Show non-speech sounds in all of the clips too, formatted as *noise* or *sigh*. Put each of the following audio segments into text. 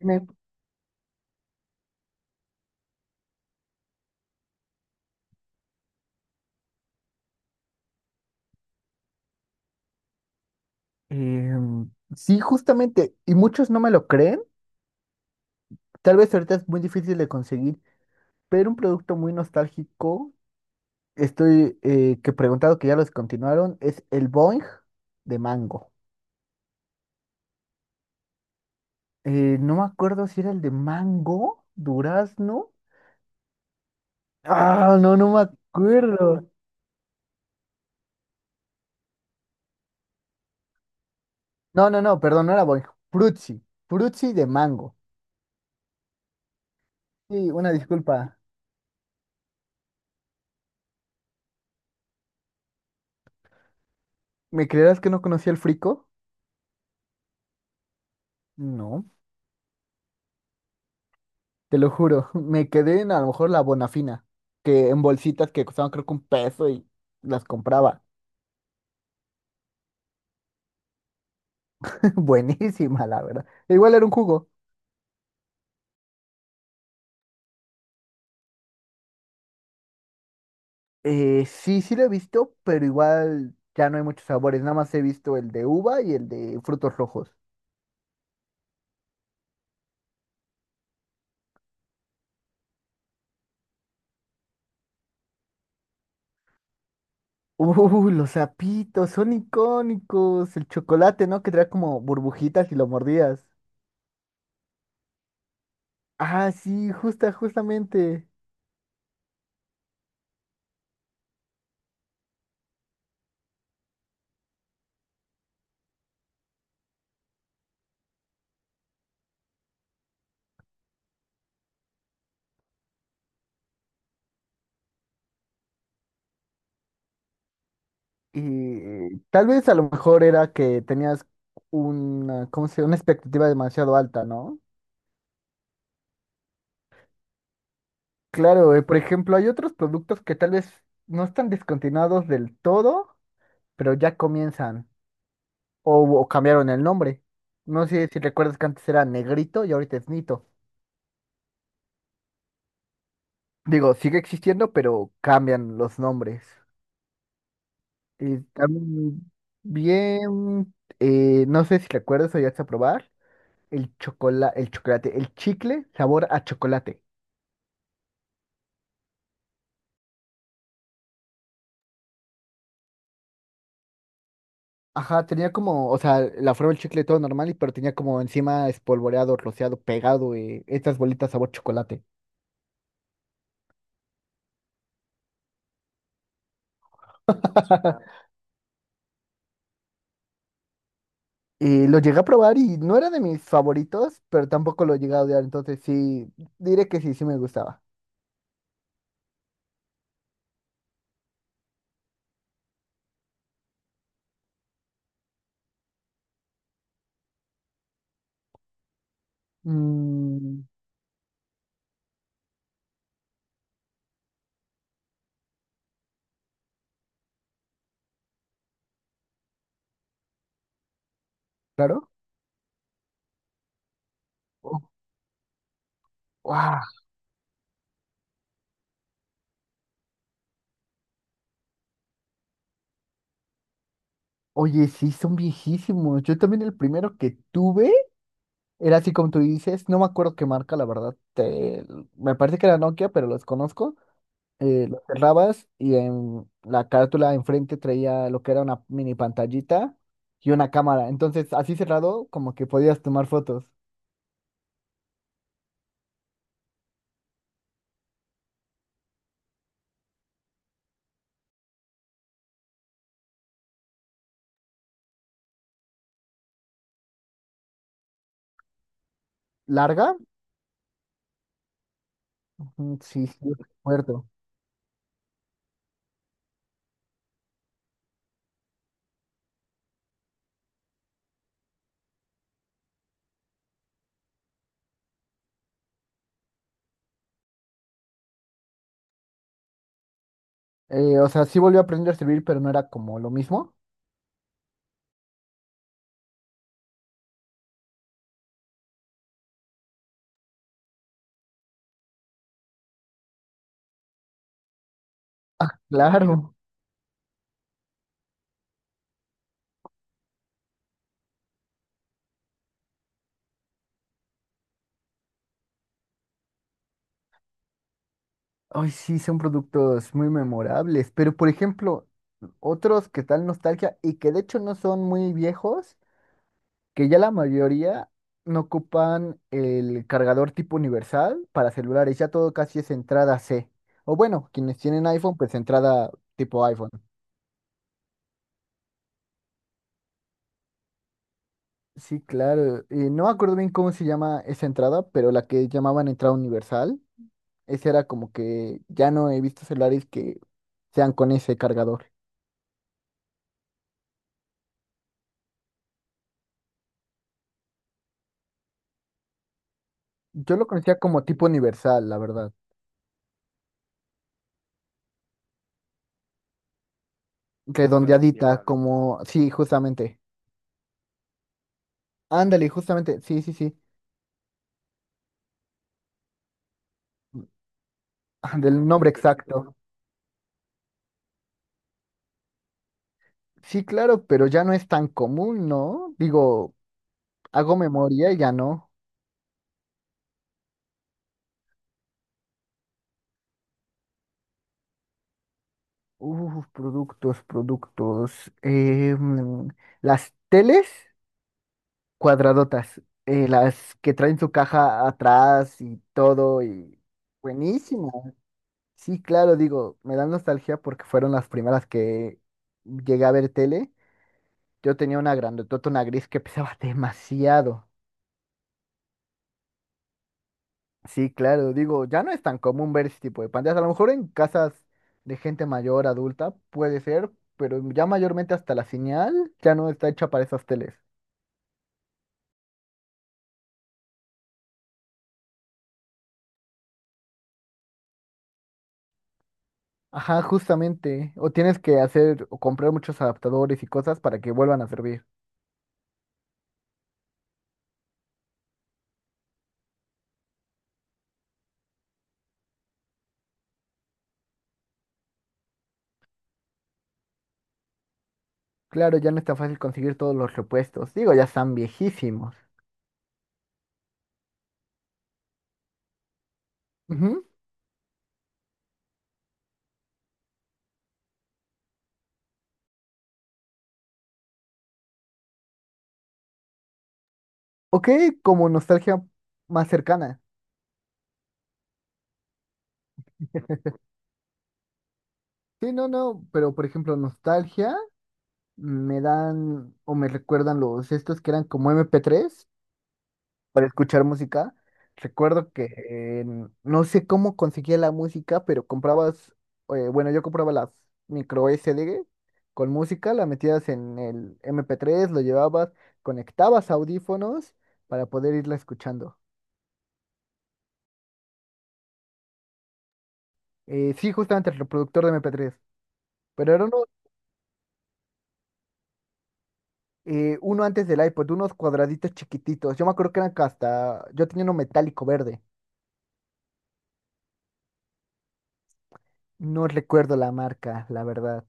Me- em, sí, justamente, y muchos no me lo creen. Tal vez ahorita es muy difícil de conseguir, pero un producto muy nostálgico, estoy que he preguntado que ya lo descontinuaron, es el Boing de mango. No me acuerdo si era el de mango, durazno. Ah, no, no me acuerdo. No, no, no, perdón, no era Boing. Frutzi, Frutzi de mango. Sí, una disculpa. ¿Me creerás que no conocía el frico? No. Te lo juro, *laughs* me quedé en a lo mejor la Bonafina, que en bolsitas que costaban creo que un peso y las compraba. *laughs* Buenísima, la verdad. Igual era un jugo. Sí, sí lo he visto, pero igual ya no hay muchos sabores. Nada más he visto el de uva y el de frutos rojos. Los sapitos, son icónicos. El chocolate, ¿no? Que trae como burbujitas y lo mordías. Ah, sí, justamente. Y tal vez a lo mejor era que tenías una, ¿cómo se llama? Una expectativa demasiado alta, ¿no? Claro, por ejemplo, hay otros productos que tal vez no están descontinuados del todo, pero ya comienzan o cambiaron el nombre. No sé si recuerdas que antes era Negrito y ahorita es Nito. Digo, sigue existiendo, pero cambian los nombres. Y también, bien, no sé si recuerdas o llegaste a probar el chocolate, el chicle sabor a chocolate. Ajá, tenía como, o sea, la forma del chicle todo normal, y pero tenía como encima espolvoreado, rociado, pegado, estas bolitas sabor chocolate. *laughs* Y lo llegué a probar y no era de mis favoritos, pero tampoco lo llegué a odiar, entonces sí, diré que sí, sí me gustaba. Mm, claro. Oh, ¡guau! Oye, sí, son viejísimos. Yo también el primero que tuve era así como tú dices, no me acuerdo qué marca, la verdad. Me parece que era Nokia, pero los conozco. Eh, lo cerrabas y en la carátula de enfrente traía lo que era una mini pantallita y una cámara. Entonces, así cerrado, como que podías tomar fotos. ¿Larga? Mm, sí, sí, recuerdo. O sea, sí volvió a aprender a servir, pero no era como lo mismo. Claro. Ay, sí, son productos muy memorables. Pero, por ejemplo, otros que tal nostalgia y que de hecho no son muy viejos, que ya la mayoría no ocupan el cargador tipo universal para celulares, ya todo casi es entrada C. O bueno, quienes tienen iPhone, pues entrada tipo iPhone. Sí, claro. Y no me acuerdo bien cómo se llama esa entrada, pero la que llamaban entrada universal, esa era como que ya no he visto celulares que sean con ese cargador. Yo lo conocía como tipo universal, la verdad. Redondeadita, como sí, justamente. Ándale, justamente. Sí, sí, sí. Ah, del nombre exacto. Sí, claro, pero ya no es tan común, ¿no? Digo, hago memoria y ya no. Uf, productos, productos. Mm, las teles cuadradotas, las que traen su caja atrás y todo, y buenísimo. Sí, claro, digo, me dan nostalgia porque fueron las primeras que llegué a ver tele. Yo tenía una grandotota, una gris que pesaba *laughs* demasiado. Sí, claro, digo, ya no es tan común ver ese tipo de pantallas. A lo mejor en casas de gente mayor, adulta, puede ser, pero ya mayormente hasta la señal ya no está hecha para esas teles. Ajá, justamente. O tienes que hacer o comprar muchos adaptadores y cosas para que vuelvan a servir. Claro, ya no está fácil conseguir todos los repuestos. Digo, ya están viejísimos. Ujú. Ok, como nostalgia más cercana. Sí, no, no, pero por ejemplo, nostalgia me dan o me recuerdan los estos que eran como MP3, para escuchar música. Recuerdo que no sé cómo conseguía la música, pero comprabas, bueno, yo compraba las micro SD con música, la metías en el MP3, lo llevabas, conectabas audífonos para poder irla escuchando. Sí, justamente el reproductor de MP3, pero era uno, uno antes del iPod, unos cuadraditos chiquititos. Yo me acuerdo que eran que hasta, yo tenía uno metálico verde. No recuerdo la marca, la verdad.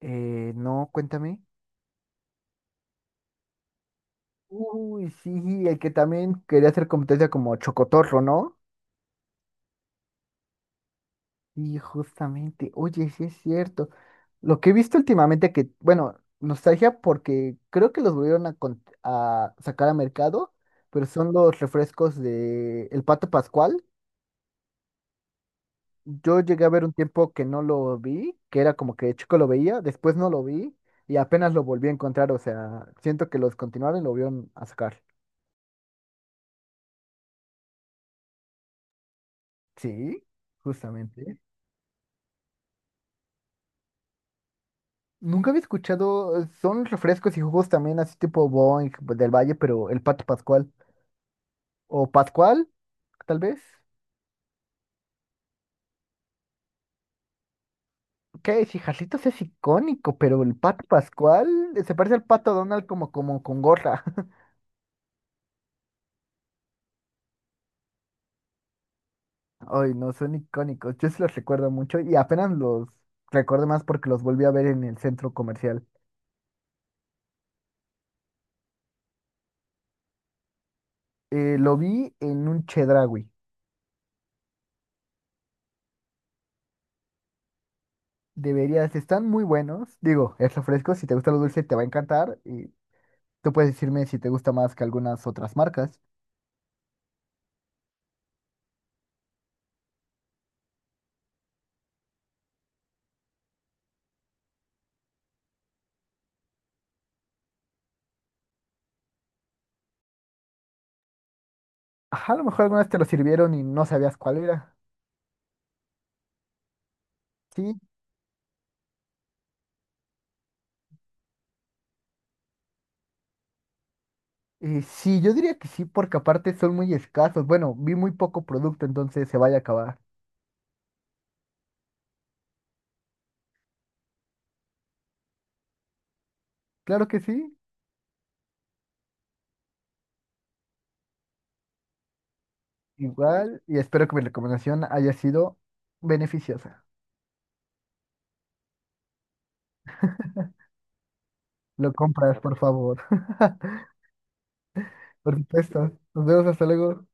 No, cuéntame. Uy, sí, el que también quería hacer competencia como Chocotorro, ¿no? Y justamente, oye, sí es cierto. Lo que he visto últimamente que, bueno, nostalgia porque creo que los volvieron a, a sacar a mercado, pero son los refrescos de El Pato Pascual. Yo llegué a ver un tiempo que no lo vi, que era como que chico lo veía, después no lo vi y apenas lo volví a encontrar, o sea, siento que los continuaron y lo volvieron a sacar. Sí, justamente. Nunca había escuchado, son refrescos y jugos también así tipo Boing del Valle, pero el Pato Pascual. O Pascual, tal vez. Que Chijalitos es icónico, pero el Pato Pascual se parece al Pato Donald como, como con gorra. *laughs* Ay, no, son icónicos. Yo sí los recuerdo mucho y apenas los recuerdo más porque los volví a ver en el centro comercial. Lo vi en un Chedraui. Deberías, están muy buenos. Digo, es refresco, si te gusta lo dulce te va a encantar y tú puedes decirme si te gusta más que algunas otras marcas. Ajá, a lo mejor algunas te lo sirvieron y no sabías cuál era. Sí, sí, yo diría que sí, porque aparte son muy escasos. Bueno, vi muy poco producto, entonces se vaya a acabar. Claro que sí, igual, y espero que mi recomendación haya sido beneficiosa. Lo compras, por favor. *laughs* Por supuesto. Nos vemos, hasta luego.